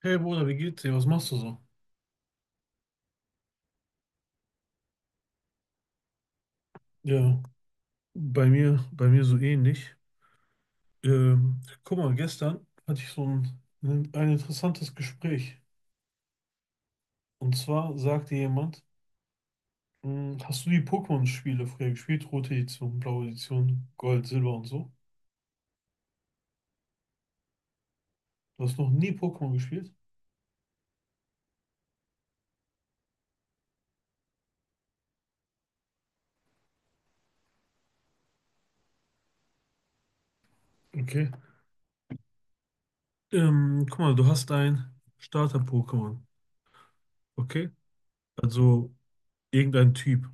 Hey Bruder, wie geht's dir? Was machst du so? Ja, bei mir, so ähnlich. Guck mal, gestern hatte ich so ein interessantes Gespräch. Und zwar sagte jemand, "Mh, hast du die Pokémon-Spiele früher gespielt? Rote Edition, blaue Edition, Gold, Silber und so. Du hast noch nie Pokémon gespielt? Okay. Guck mal, du hast ein Starter-Pokémon. Okay? Also irgendein Typ.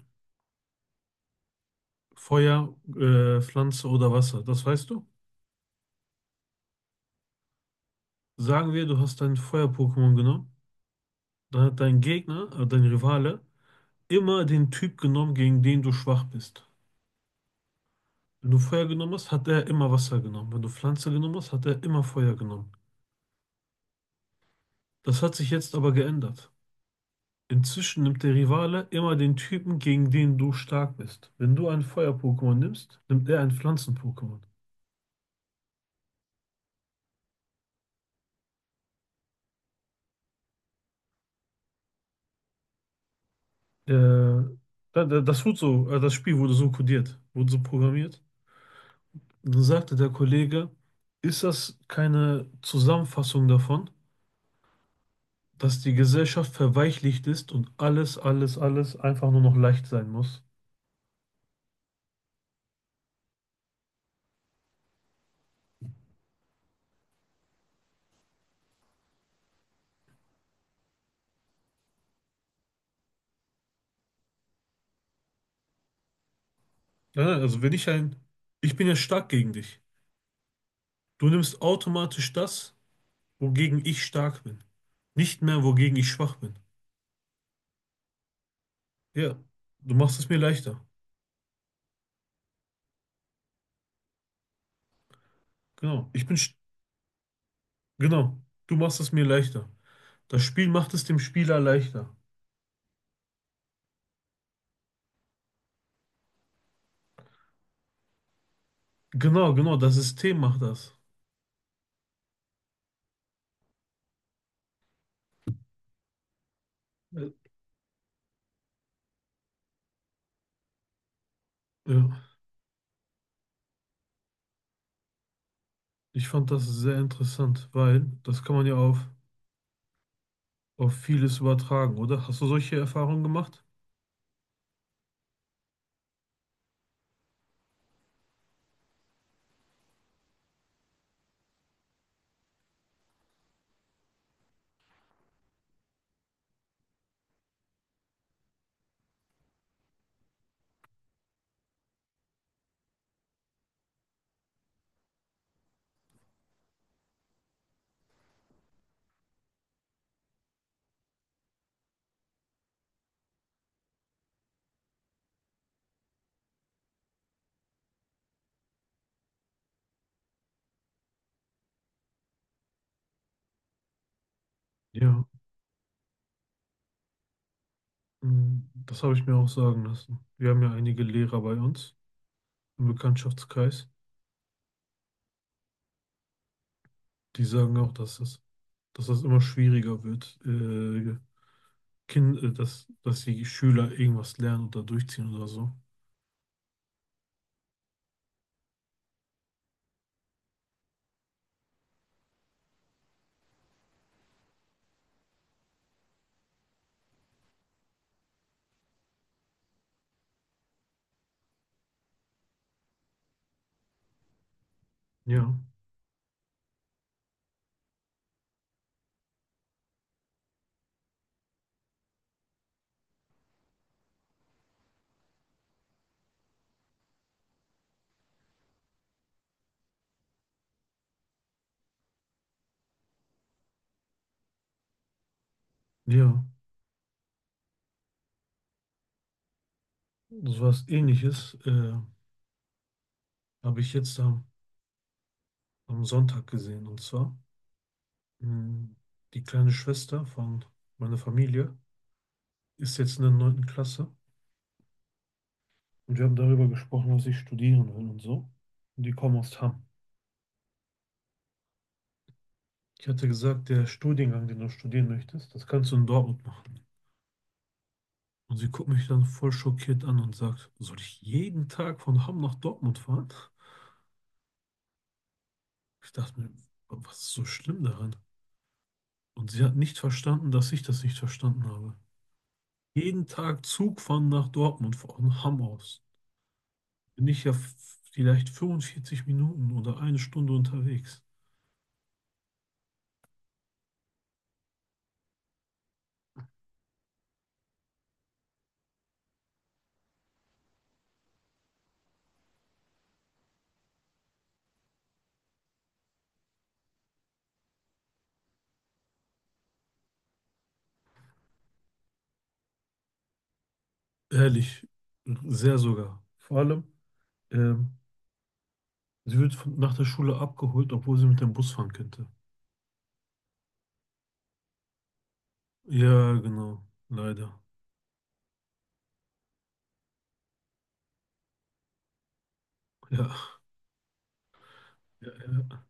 Feuer, Pflanze oder Wasser. Das weißt du? Sagen wir, du hast ein Feuer-Pokémon genommen. Da hat dein Gegner, dein Rivale, immer den Typ genommen, gegen den du schwach bist. Wenn du Feuer genommen hast, hat er immer Wasser genommen. Wenn du Pflanze genommen hast, hat er immer Feuer genommen. Das hat sich jetzt aber geändert. Inzwischen nimmt der Rivale immer den Typen, gegen den du stark bist. Wenn du ein Feuer-Pokémon nimmst, nimmt er ein Pflanzen-Pokémon. Äh, Das wurde so, das Spiel wurde so kodiert, wurde so programmiert. Und dann sagte der Kollege, ist das keine Zusammenfassung davon? Dass die Gesellschaft verweichlicht ist und alles einfach nur noch leicht sein muss. Ja, also wenn ich ein, ich bin ja stark gegen dich. Du nimmst automatisch das, wogegen ich stark bin. Nicht mehr, wogegen ich schwach bin. Ja, du machst es mir leichter. Genau, genau, du machst es mir leichter. Das Spiel macht es dem Spieler leichter. Genau, genau, das System macht das. Äh, Ja, ich fand das sehr interessant, weil das kann man ja auf vieles übertragen, oder? Hast du solche Erfahrungen gemacht? Ja, das habe ich mir auch sagen lassen. Wir haben ja einige Lehrer bei uns im Bekanntschaftskreis, die sagen auch, dass das immer schwieriger wird, dass die Schüler irgendwas lernen oder durchziehen oder so. Ja, ja, so was Ähnliches habe ich jetzt am, am Sonntag gesehen. Und zwar, mm, die kleine Schwester von meiner Familie ist jetzt in der neunten Klasse und wir haben darüber gesprochen, was ich studieren will und so. Und die kommen aus Hamm. Ich hatte gesagt, der Studiengang, den du studieren möchtest, das kannst du in Dortmund machen. Und sie guckt mich dann voll schockiert an und sagt, soll ich jeden Tag von Hamm nach Dortmund fahren? Ich dachte mir, was ist so schlimm daran? Und sie hat nicht verstanden, dass ich das nicht verstanden habe. Jeden Tag Zug fahren nach Dortmund von Hamm aus. Bin ich ja vielleicht 45 Minuten oder eine Stunde unterwegs. Ehrlich, sehr sogar. Vor allem, ähm, sie wird nach der Schule abgeholt, obwohl sie mit dem Bus fahren könnte. Ja, genau, leider. Ja, ja, ja,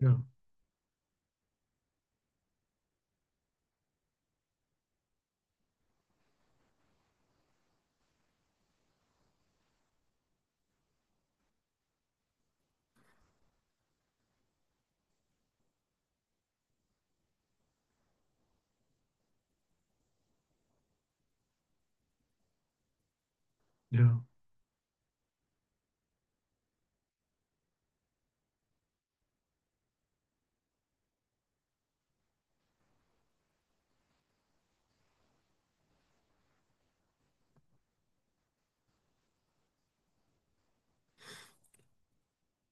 ja, ja.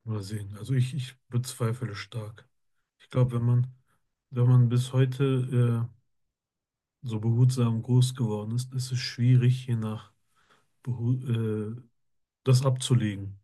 Mal sehen. Also ich bezweifle stark. Ich glaube, wenn man bis heute so behutsam groß geworden ist, ist es schwierig, je nach behu das abzulegen.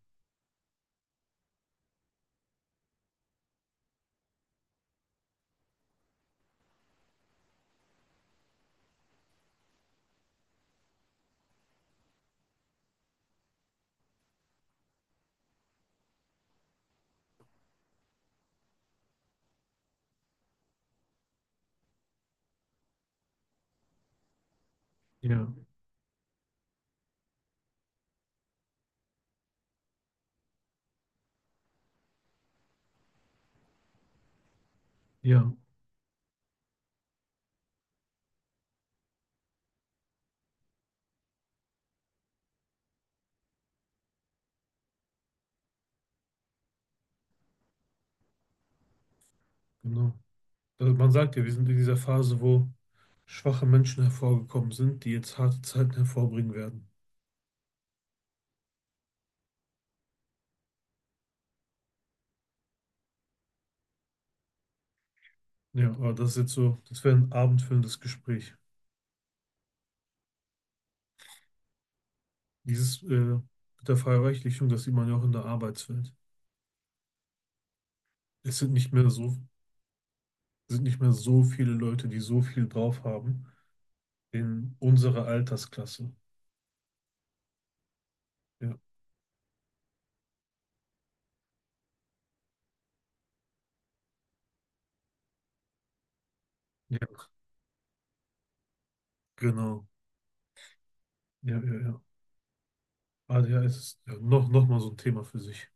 Ja, ja, genau. Also man sagt ja, wir sind in dieser Phase, wo schwache Menschen hervorgekommen sind, die jetzt harte Zeiten hervorbringen werden. Ja, aber das ist jetzt so, das wäre ein abendfüllendes Gespräch. Dieses mit der Verreichlichung, das sieht man ja auch in der Arbeitswelt. Es sind nicht mehr so, sind nicht mehr so viele Leute, die so viel drauf haben in unserer Altersklasse. Ja, ja, genau. Ja, ja, ja. A D H S ist ja, noch mal so ein Thema für sich.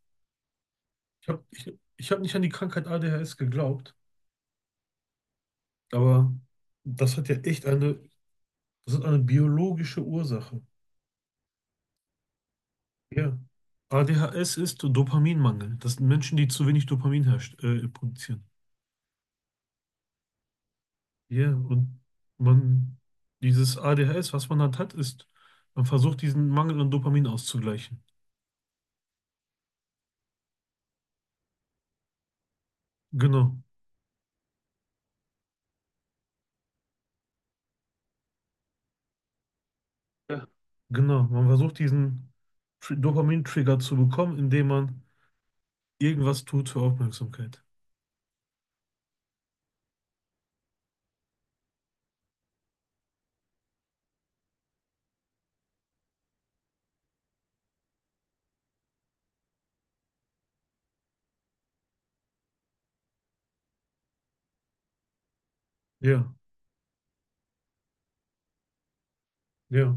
Ich hab nicht an die Krankheit A D H S geglaubt, aber das hat ja echt eine, das hat eine biologische Ursache. Ja. A D H S ist Dopaminmangel. Das sind Menschen, die zu wenig Dopamin herst produzieren. Ja, und man, dieses ADHS, was man halt hat, ist, man versucht diesen Mangel an Dopamin auszugleichen. Genau, Ja. genau. Man versucht diesen Dopamin-Trigger zu bekommen, indem man irgendwas tut für Aufmerksamkeit. Ja, ja,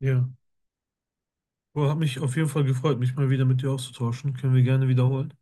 ja. Boah, hat mich auf jeden Fall gefreut, mich mal wieder mit dir auszutauschen. Können wir gerne wiederholen.